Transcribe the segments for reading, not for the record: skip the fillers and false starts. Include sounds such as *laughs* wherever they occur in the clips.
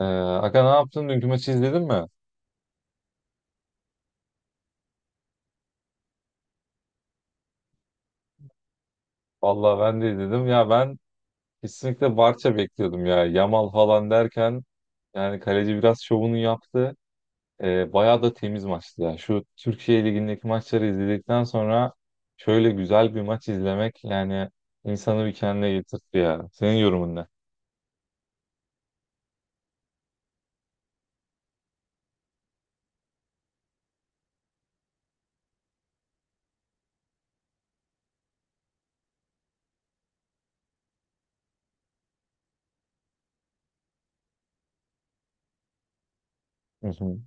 Aga, ne yaptın? Dünkü maçı izledin mi? Vallahi ben de izledim. Ya ben kesinlikle Barça bekliyordum ya. Yamal falan derken yani kaleci biraz şovunu yaptı. Bayağı da temiz maçtı ya. Şu Türkiye Ligi'ndeki maçları izledikten sonra şöyle güzel bir maç izlemek yani insanı bir kendine getirtti ya. Senin yorumun ne? Hı hı.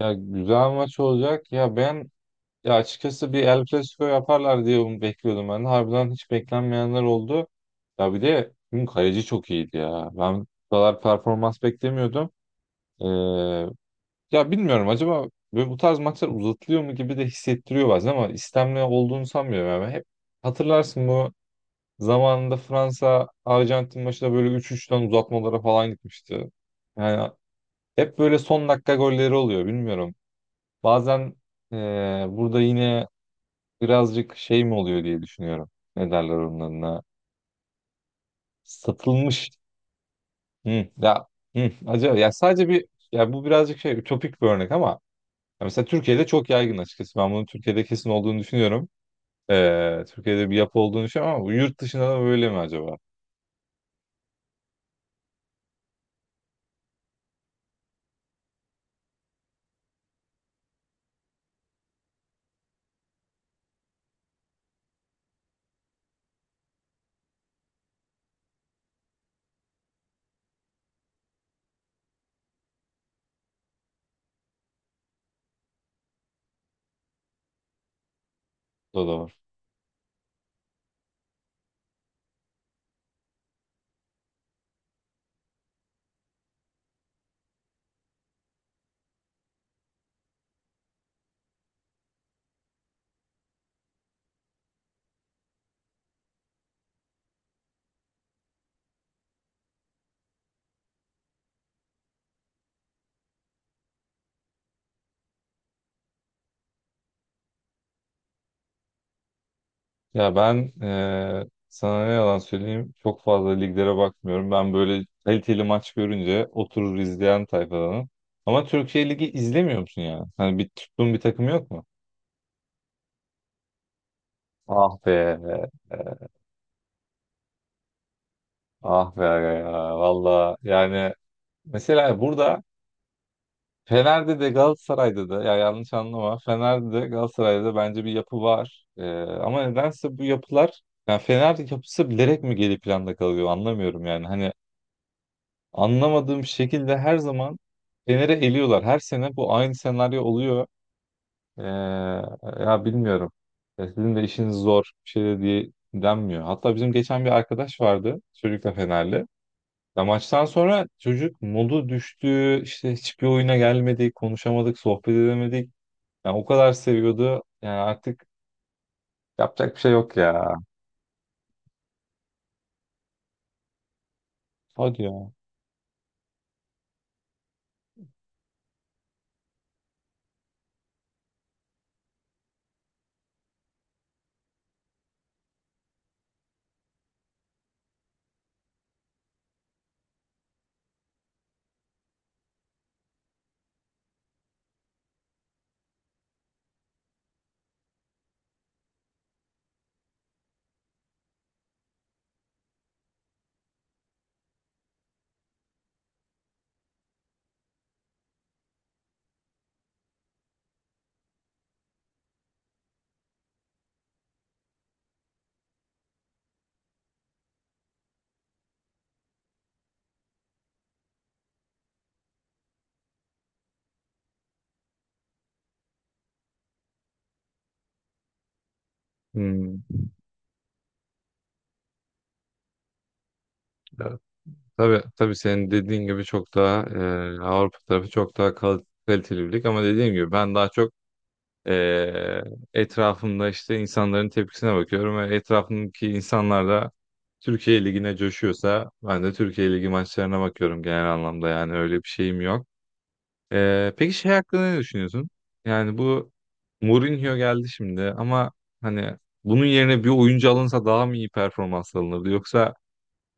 Ya güzel maç olacak. Ya ben Ya açıkçası bir El Clasico yaparlar diye bunu bekliyordum ben de. Harbiden hiç beklenmeyenler oldu. Ya bir de bugün kaleci çok iyiydi ya. Ben bu kadar performans beklemiyordum. Ee, Ya bilmiyorum, acaba böyle bu tarz maçlar uzatılıyor mu gibi de hissettiriyor bazen ama istemli olduğunu sanmıyorum. Yani hep hatırlarsın bu zamanında Fransa Arjantin maçında böyle 3-3'ten uzatmalara falan gitmişti. Yani hep böyle son dakika golleri oluyor, bilmiyorum. Bazen burada yine birazcık şey mi oluyor diye düşünüyorum. Ne derler onlarına? Satılmış. Hı, ya hı, acaba ya sadece bir, ya bu birazcık şey, ütopik bir örnek ama ya mesela Türkiye'de çok yaygın açıkçası. Ben bunun Türkiye'de kesin olduğunu düşünüyorum. Türkiye'de bir yapı olduğunu düşünüyorum ama bu yurt dışında da böyle mi acaba? O da var. Ya ben sana ne yalan söyleyeyim, çok fazla liglere bakmıyorum. Ben böyle kaliteli maç görünce oturur izleyen tayfadanım. Ama Türkiye Ligi izlemiyor musun yani? Hani bir tuttuğun bir takım yok mu? Ah be, ah be aga ya. Valla yani mesela burada Fener'de de Galatasaray'da da, ya yanlış anlama, Fener'de de Galatasaray'da da bence bir yapı var. Ama nedense bu yapılar, yani Fener yapısı bilerek mi geri planda kalıyor, anlamıyorum yani. Hani anlamadığım şekilde her zaman Fener'e eliyorlar. Her sene bu aynı senaryo oluyor. Ee, Ya bilmiyorum. Ya sizin de işiniz zor bir şey de diye denmiyor. Hatta bizim geçen bir arkadaş vardı çocukla, Fenerli. Ya maçtan sonra çocuk modu düştü, işte hiçbir oyuna gelmedik, konuşamadık, sohbet edemedik. Yani o kadar seviyordu. Yani artık yapacak bir şey yok ya. Hadi ya. Hmm. Ya, tabii, tabii, senin dediğin gibi çok daha Avrupa tarafı çok daha kaliteli bir lig, ama dediğim gibi ben daha çok e, etrafımda işte insanların tepkisine bakıyorum ve etrafımdaki insanlar da Türkiye Ligi'ne coşuyorsa ben de Türkiye Ligi maçlarına bakıyorum genel anlamda, yani öyle bir şeyim yok. Peki şey hakkında ne düşünüyorsun? Yani bu Mourinho geldi şimdi ama hani bunun yerine bir oyuncu alınsa daha mı iyi performans alınırdı? Yoksa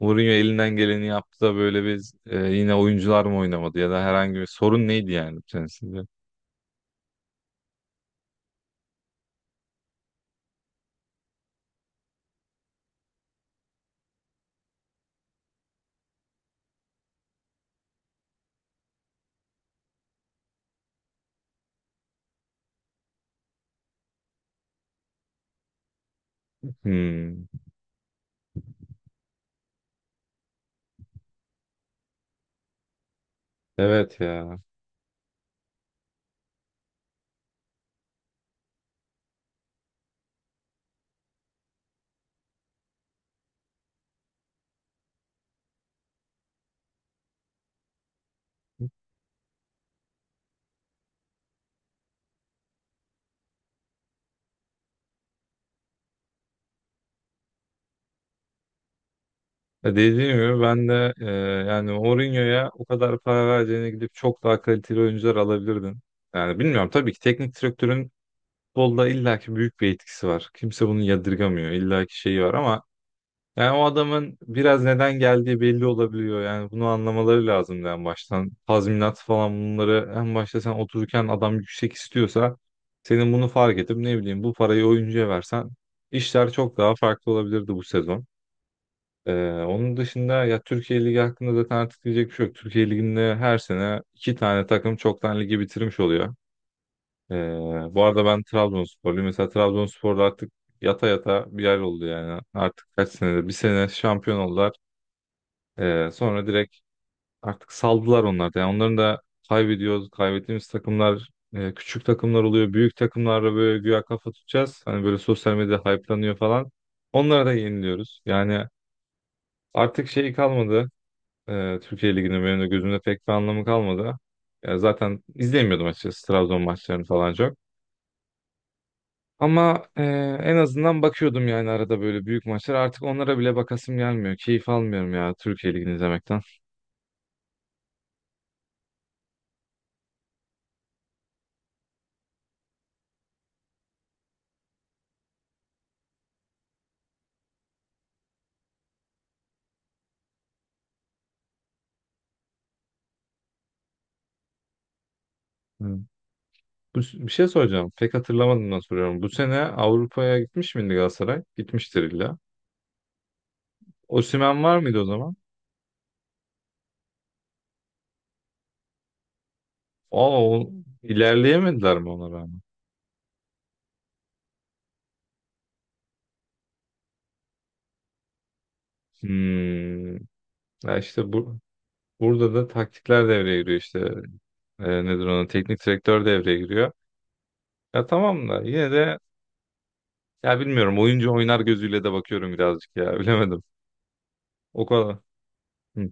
Mourinho elinden geleni yaptı da böyle biz yine oyuncular mı oynamadı ya da herhangi bir sorun neydi yani senin sizce? Hmm, evet ya. Ya dediğim gibi ben de yani Mourinho'ya o kadar para vereceğine gidip çok daha kaliteli oyuncular alabilirdin. Yani bilmiyorum, tabii ki teknik direktörün futbolda illaki büyük bir etkisi var. Kimse bunu yadırgamıyor. İllaki şeyi var ama yani o adamın biraz neden geldiği belli olabiliyor. Yani bunu anlamaları lazım en baştan. Tazminat falan, bunları en başta sen otururken adam yüksek istiyorsa senin bunu fark edip, ne bileyim, bu parayı oyuncuya versen işler çok daha farklı olabilirdi bu sezon. Onun dışında ya Türkiye Ligi hakkında zaten artık diyecek bir şey yok. Türkiye Ligi'nde her sene iki tane takım çoktan ligi bitirmiş oluyor. Ee, Bu arada ben Trabzonsporluyum. Mesela Trabzonspor'da artık yata yata bir yer oldu yani. Artık kaç senede? Bir sene şampiyon oldular. Sonra direkt artık saldılar onlar da. Yani onların da kaybediyoruz. Kaybettiğimiz takımlar küçük takımlar oluyor. Büyük takımlarla böyle güya kafa tutacağız. Hani böyle sosyal medya hype'lanıyor falan. Onlara da yeniliyoruz. Yani artık şey kalmadı. Türkiye Ligi'nin benim de gözümde pek bir anlamı kalmadı. Ya zaten izlemiyordum açıkçası Trabzon maçlarını falan çok. Ama en azından bakıyordum yani arada böyle büyük maçlar. Artık onlara bile bakasım gelmiyor. Keyif almıyorum ya Türkiye Ligi'ni izlemekten. Evet. Bu, bir şey soracağım. Pek hatırlamadığımdan soruyorum. Bu sene Avrupa'ya gitmiş miydi Galatasaray? Gitmiştir illa. Osimhen var mıydı o zaman? Aa, o, ilerleyemediler mi ona rağmen? Hmm. Ya işte bu, burada da taktikler devreye giriyor işte. Nedir ona? Teknik direktör devreye giriyor. Ya tamam da yine de ya bilmiyorum. Oyuncu oynar gözüyle de bakıyorum birazcık ya. *laughs* Bilemedim. O kadar. Hı.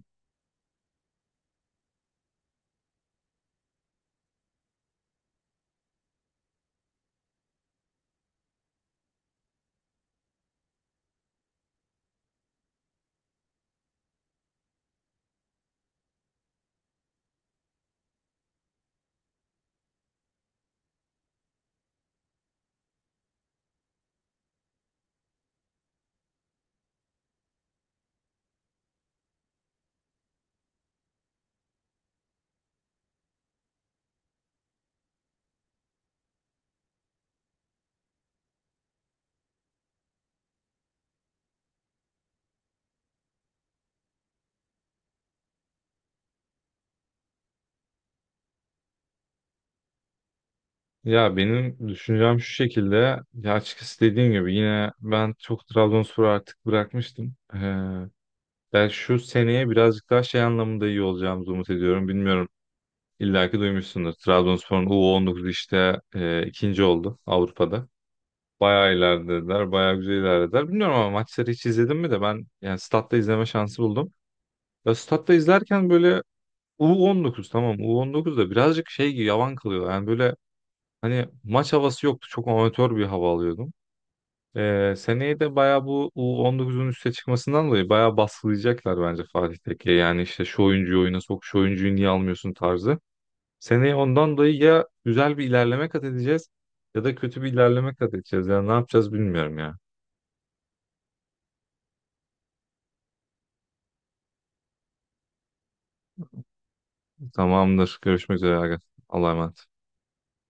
Ya benim düşüncem şu şekilde. Ya açıkçası dediğim gibi yine ben çok Trabzonspor artık bırakmıştım. Ben şu seneye birazcık daha şey anlamında iyi olacağımızı umut ediyorum. Bilmiyorum. İlla ki duymuşsundur. Trabzonspor'un U19 işte ikinci oldu Avrupa'da. Bayağı ilerlediler. Bayağı güzel ilerlediler. Bilmiyorum ama maçları hiç izledim mi de ben, yani statta izleme şansı buldum. Ya statta izlerken böyle U19, tamam U19 da birazcık şey gibi yavan kalıyor. Yani böyle hani maç havası yoktu. Çok amatör bir hava alıyordum. Seneye de bayağı bu U19'un üste çıkmasından dolayı bayağı baskılayacaklar bence Fatih Tekke. Yani işte şu oyuncuyu oyuna sok, şu oyuncuyu niye almıyorsun tarzı. Seneye ondan dolayı ya güzel bir ilerleme kat edeceğiz ya da kötü bir ilerleme kat edeceğiz. Yani ne yapacağız bilmiyorum ya. Tamamdır. Görüşmek üzere, Aga. Allah'a emanet.